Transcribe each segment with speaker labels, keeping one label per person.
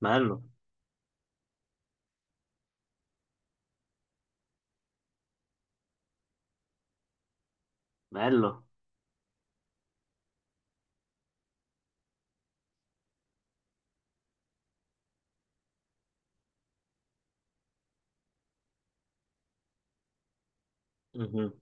Speaker 1: Bello, bello. Mhm.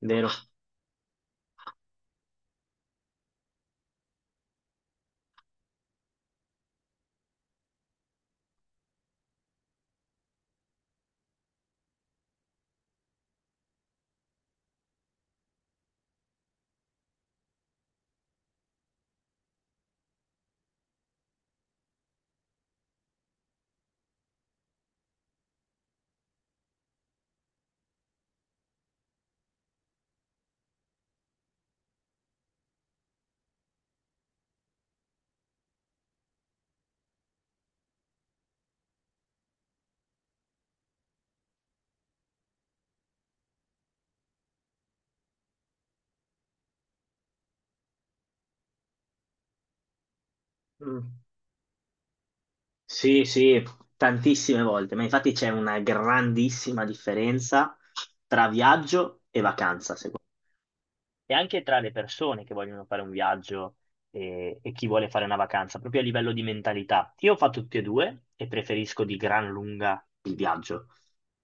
Speaker 1: Vero. Mm. Sì, sì, tantissime volte, ma infatti c'è una grandissima differenza tra viaggio e vacanza, secondo me. E anche tra le persone che vogliono fare un viaggio e chi vuole fare una vacanza, proprio a livello di mentalità. Io ho fatto tutti e due e preferisco di gran lunga il viaggio.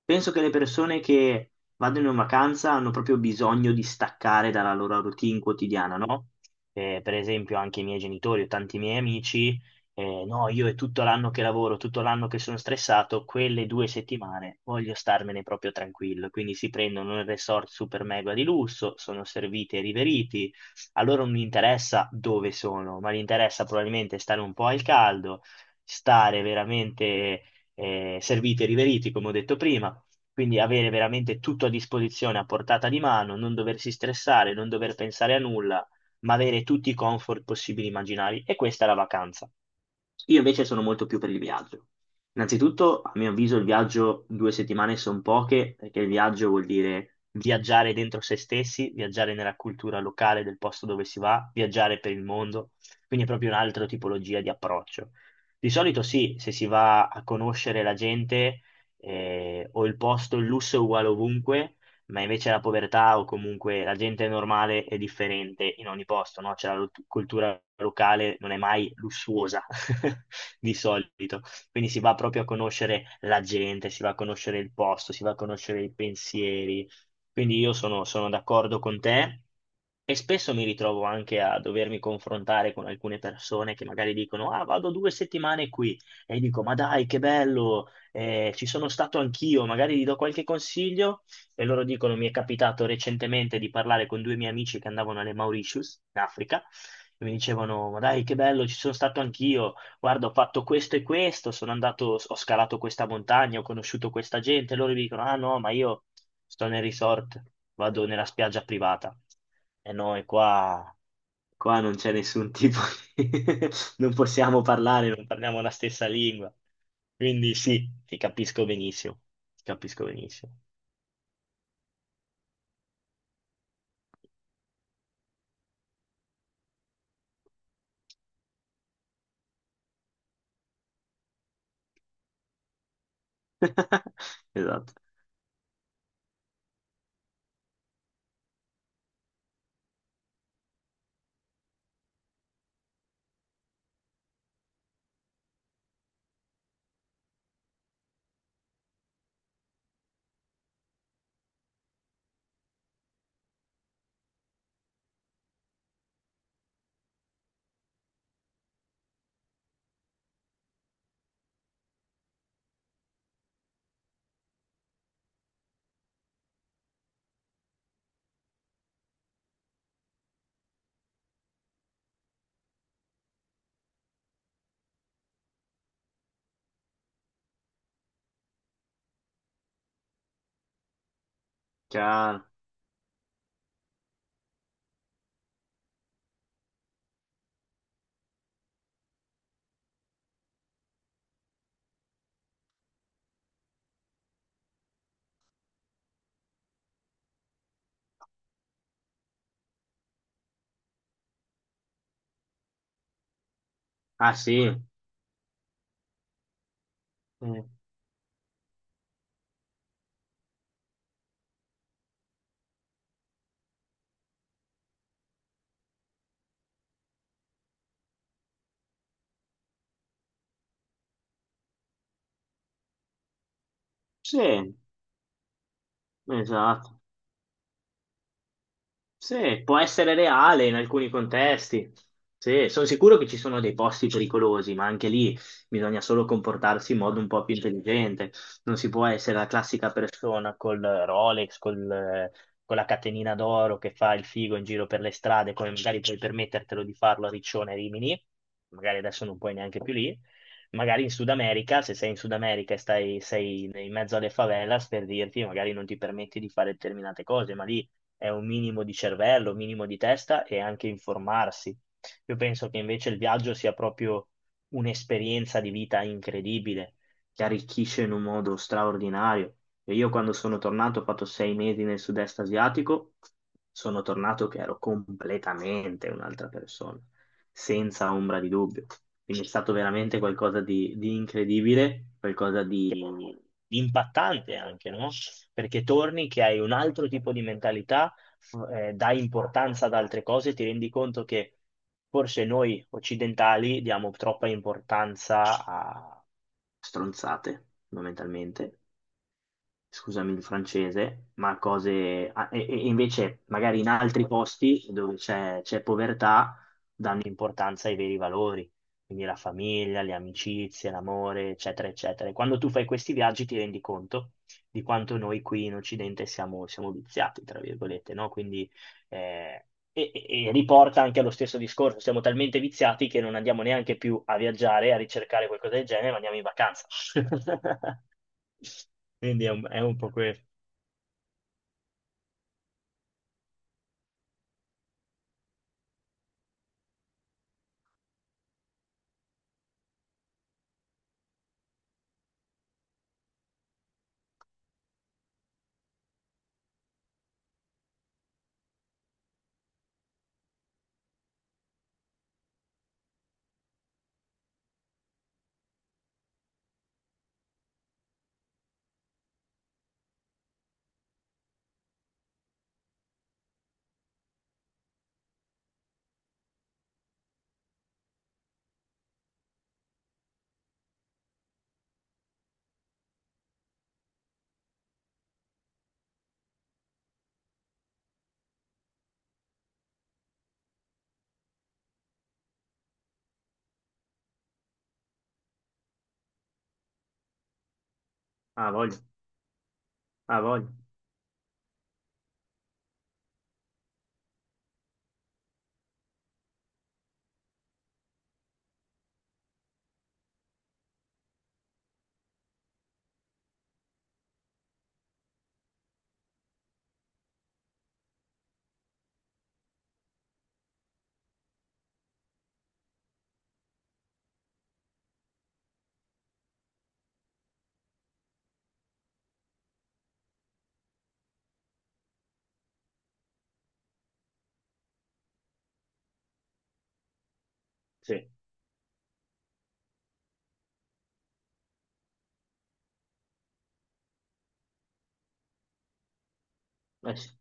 Speaker 1: Penso che le persone che vadano in vacanza hanno proprio bisogno di staccare dalla loro routine quotidiana, no? Per esempio, anche i miei genitori o tanti miei amici, no, io è tutto l'anno che lavoro, tutto l'anno che sono stressato, quelle due settimane voglio starmene proprio tranquillo. Quindi si prendono un resort super mega di lusso, sono serviti e riveriti. A loro non interessa dove sono, ma gli interessa probabilmente stare un po' al caldo, stare veramente serviti e riveriti, come ho detto prima. Quindi avere veramente tutto a disposizione, a portata di mano, non doversi stressare, non dover pensare a nulla, ma avere tutti i comfort possibili e immaginari. E questa è la vacanza. Io invece sono molto più per il viaggio. Innanzitutto, a mio avviso, il viaggio due settimane sono poche, perché il viaggio vuol dire viaggiare dentro se stessi, viaggiare nella cultura locale del posto dove si va, viaggiare per il mondo, quindi è proprio un'altra tipologia di approccio. Di solito sì, se si va a conoscere la gente o il posto, il lusso è uguale ovunque, ma invece la povertà o comunque la gente normale è differente in ogni posto, no? Cioè la cultura locale non è mai lussuosa di solito, quindi si va proprio a conoscere la gente, si va a conoscere il posto, si va a conoscere i pensieri, quindi io sono d'accordo con te. E spesso mi ritrovo anche a dovermi confrontare con alcune persone che magari dicono: "Ah, vado due settimane qui." E dico: "Ma dai, che bello, ci sono stato anch'io." Magari gli do qualche consiglio e loro dicono, mi è capitato recentemente di parlare con due miei amici che andavano alle Mauritius, in Africa, e mi dicevano: "Ma dai, che bello, ci sono stato anch'io, guarda, ho fatto questo e questo, sono andato, ho scalato questa montagna, ho conosciuto questa gente", e loro mi dicono: "Ah no, ma io sto nel resort, vado nella spiaggia privata." E noi qua, qua non c'è nessun tipo di... non possiamo parlare, non parliamo la stessa lingua. Quindi sì, ti capisco benissimo, ti capisco benissimo. Esatto. Chiaro. Ah sì. Eh. Sì, esatto. Sì, può essere reale in alcuni contesti. Sì, sono sicuro che ci sono dei posti pericolosi, ma anche lì bisogna solo comportarsi in modo un po' più intelligente. Non si può essere la classica persona col Rolex, con la catenina d'oro che fa il figo in giro per le strade, come magari puoi permettertelo di farlo a Riccione e Rimini, magari adesso non puoi neanche più lì. Magari in Sud America, se sei in Sud America e sei in mezzo alle favelas, per dirti, magari non ti permetti di fare determinate cose, ma lì è un minimo di cervello, un minimo di testa e anche informarsi. Io penso che invece il viaggio sia proprio un'esperienza di vita incredibile, che arricchisce in un modo straordinario. E io quando sono tornato, ho fatto sei mesi nel sud-est asiatico, sono tornato che ero completamente un'altra persona, senza ombra di dubbio. Quindi è stato veramente qualcosa di incredibile, qualcosa di impattante anche, no? Perché torni che hai un altro tipo di mentalità, dai importanza ad altre cose, ti rendi conto che forse noi occidentali diamo troppa importanza a stronzate, fondamentalmente, scusami il francese, ma cose... ah, E, e invece magari in altri posti dove c'è povertà danno importanza ai veri valori, quindi la famiglia, le amicizie, l'amore, eccetera, eccetera. E quando tu fai questi viaggi ti rendi conto di quanto noi qui in Occidente siamo viziati, tra virgolette, no? Quindi... eh, e riporta anche allo stesso discorso, siamo talmente viziati che non andiamo neanche più a viaggiare, a ricercare qualcosa del genere, ma andiamo in vacanza. Quindi è è un po' questo. Ah, voglio. Ah, voglio. Sì, eh sì,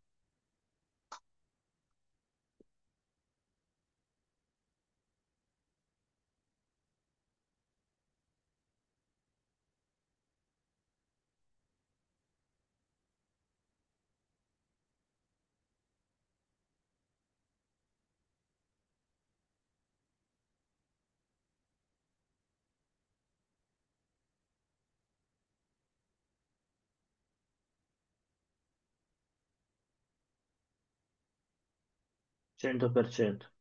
Speaker 1: 100%.